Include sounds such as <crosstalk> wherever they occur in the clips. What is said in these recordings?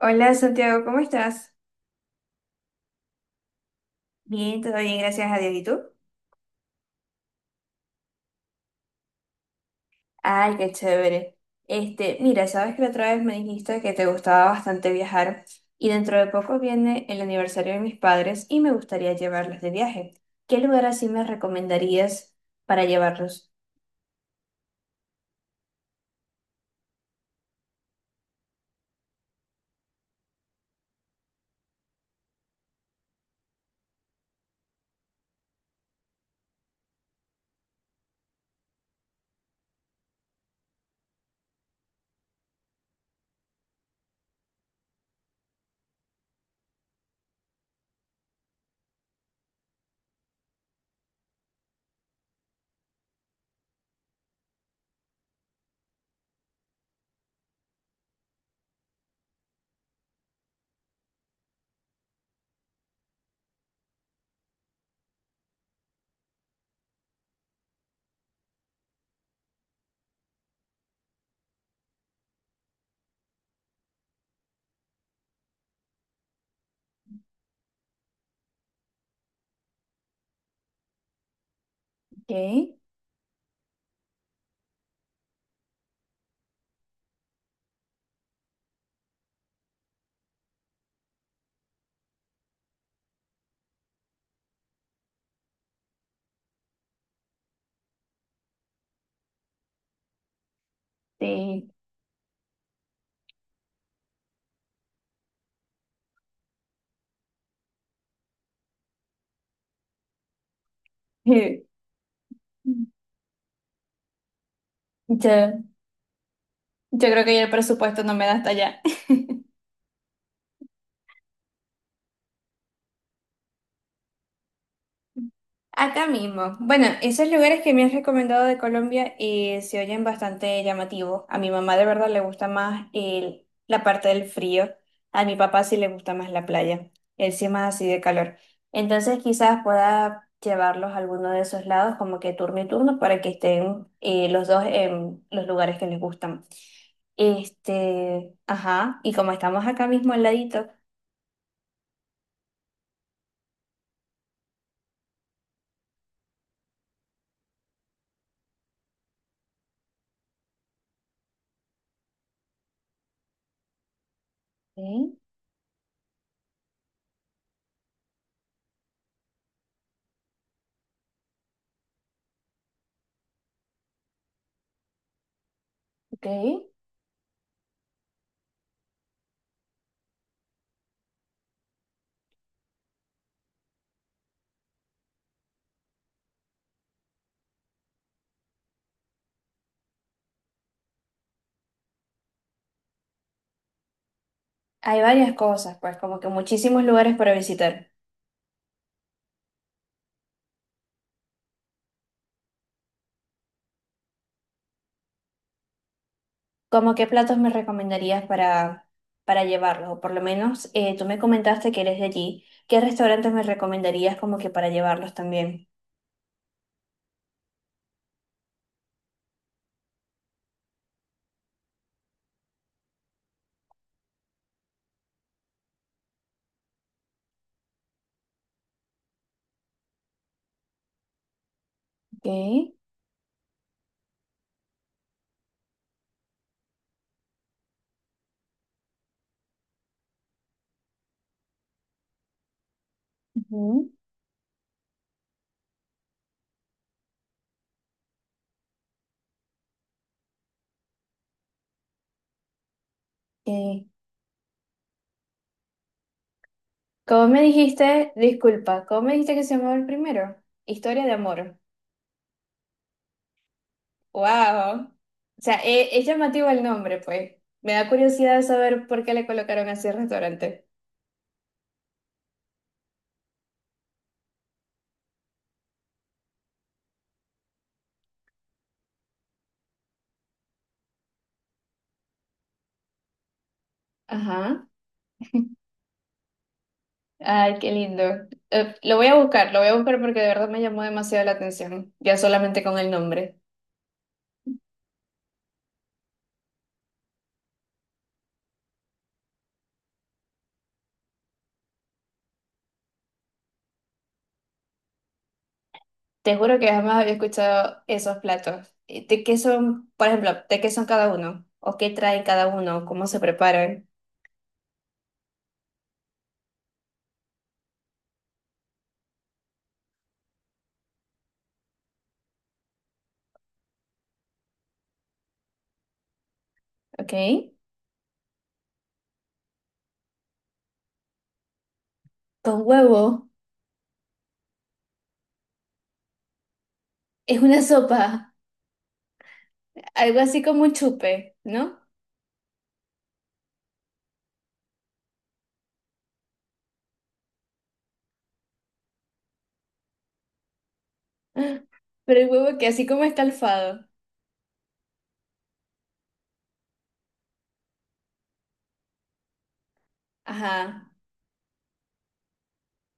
Hola Santiago, ¿cómo estás? Bien, todo bien, gracias a Dios. ¿Y tú? Ay, qué chévere. Este, mira, sabes que la otra vez me dijiste que te gustaba bastante viajar y dentro de poco viene el aniversario de mis padres y me gustaría llevarlos de viaje. ¿Qué lugar así me recomendarías para llevarlos? ¿Qué? Sí. <laughs> Yo, yo creo que ya el presupuesto no me da hasta allá. Acá mismo. Bueno, esos lugares que me has recomendado de Colombia se oyen bastante llamativos. A mi mamá de verdad le gusta más la parte del frío. A mi papá sí le gusta más la playa. Él sí es más así de calor. Entonces quizás pueda llevarlos a alguno de esos lados como que turno y turno para que estén los dos en los lugares que les gustan. Este, ajá, y como estamos acá mismo al ladito, ¿sí? Ok. Hay varias cosas, pues como que muchísimos lugares para visitar. ¿Cómo qué platos me recomendarías para llevarlos? O por lo menos tú me comentaste que eres de allí. ¿Qué restaurantes me recomendarías como que para llevarlos también? Ok. Ujú. eh, ¿Cómo me dijiste? Disculpa, ¿cómo me dijiste que se llamaba el primero? Historia de amor. ¡Wow! O sea, es llamativo el nombre, pues. Me da curiosidad saber por qué le colocaron así el restaurante. Ajá. Ay, qué lindo. Lo voy a buscar, lo voy a buscar porque de verdad me llamó demasiado la atención, ya solamente con el nombre. Te juro que jamás había escuchado esos platos. ¿De qué son, por ejemplo, de qué son cada uno? ¿O qué trae cada uno? ¿Cómo se preparan? ¿Ok? Con huevo. Es una sopa, algo así como un chupe, ¿no? Ah, pero el huevo que así como escalfado. Ajá.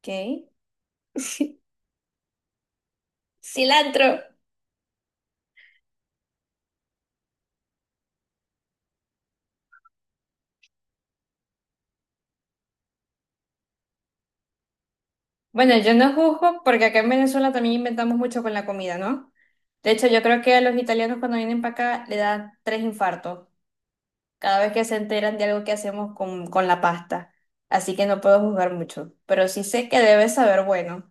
¿Ok? <laughs> Cilantro. Bueno, yo no juzgo porque acá en Venezuela también inventamos mucho con la comida, ¿no? De hecho, yo creo que a los italianos cuando vienen para acá le dan tres infartos cada vez que se enteran de algo que hacemos con la pasta. Así que no puedo juzgar mucho, pero sí sé que debe saber bueno.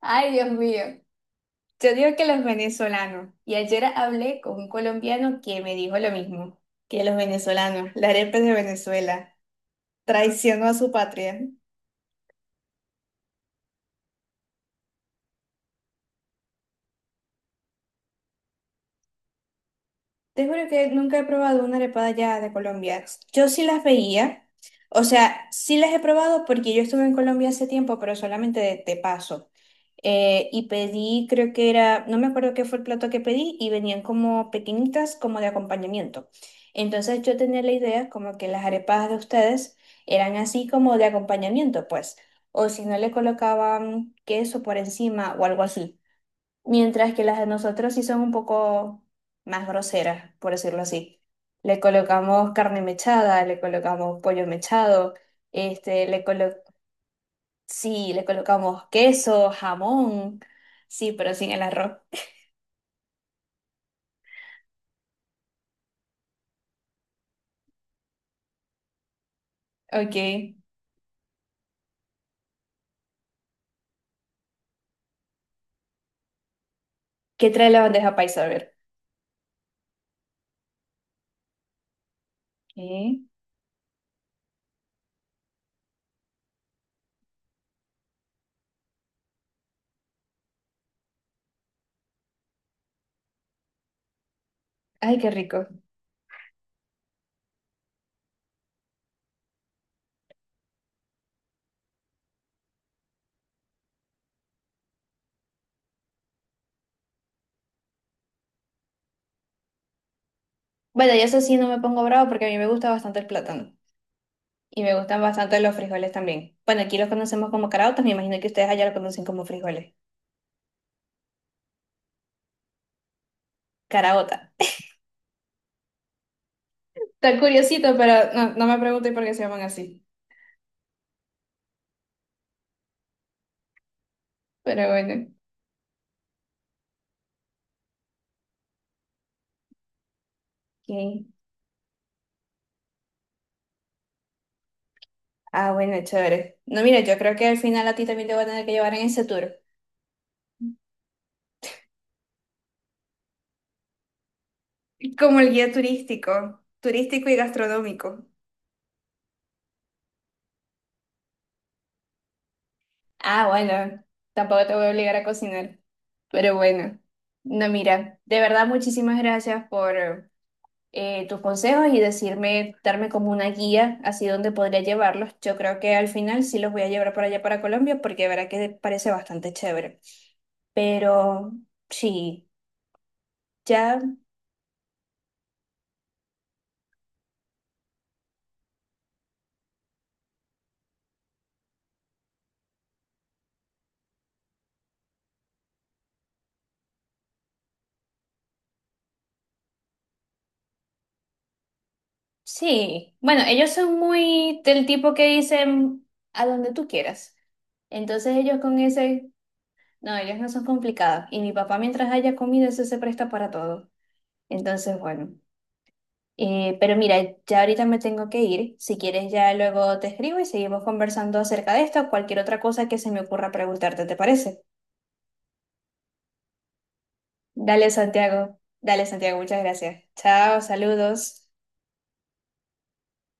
Ay, Dios mío. Yo digo que los venezolanos. Y ayer hablé con un colombiano que me dijo lo mismo, que los venezolanos, la arepa es de Venezuela, traicionó a su patria. Te juro que nunca he probado una arepada ya de Colombia. Yo sí las veía, o sea, sí las he probado porque yo estuve en Colombia hace tiempo, pero solamente de paso. Y pedí, creo que era, no me acuerdo qué fue el plato que pedí, y venían como pequeñitas, como de acompañamiento. Entonces yo tenía la idea como que las arepas de ustedes eran así como de acompañamiento, pues, o si no le colocaban queso por encima o algo así. Mientras que las de nosotros sí son un poco más groseras, por decirlo así. Le colocamos carne mechada, le colocamos pollo mechado, este, le colo- sí, le colocamos queso, jamón, sí, pero sin el arroz. Ok. ¿Qué trae la bandeja paisa? A ver. ¿Qué? Ay, qué rico. Bueno, y eso sí no me pongo bravo porque a mí me gusta bastante el plátano. Y me gustan bastante los frijoles también. Bueno, aquí los conocemos como caraotas, me imagino que ustedes allá lo conocen como frijoles. Caraota. Está curiosito, pero no, no me pregunté por qué se llaman así. Pero bueno. Ok. Ah, bueno, chévere. No, mira, yo creo que al final a ti también te voy a tener que llevar en ese tour. Como el guía turístico, turístico y gastronómico. Ah, bueno, tampoco te voy a obligar a cocinar. Pero bueno. No, mira, de verdad muchísimas gracias por tus consejos y decirme, darme como una guía así donde podría llevarlos. Yo creo que al final sí los voy a llevar para allá para Colombia porque verá que parece bastante chévere. Pero sí, ya sí. Bueno, ellos son muy del tipo que dicen a donde tú quieras. Entonces ellos con ese, no, ellos no son complicados. Y mi papá mientras haya comido, eso se presta para todo. Entonces, bueno. Pero mira, ya ahorita me tengo que ir. Si quieres, ya luego te escribo y seguimos conversando acerca de esto o cualquier otra cosa que se me ocurra preguntarte, ¿te parece? Dale, Santiago. Dale, Santiago, muchas gracias. Chao, saludos.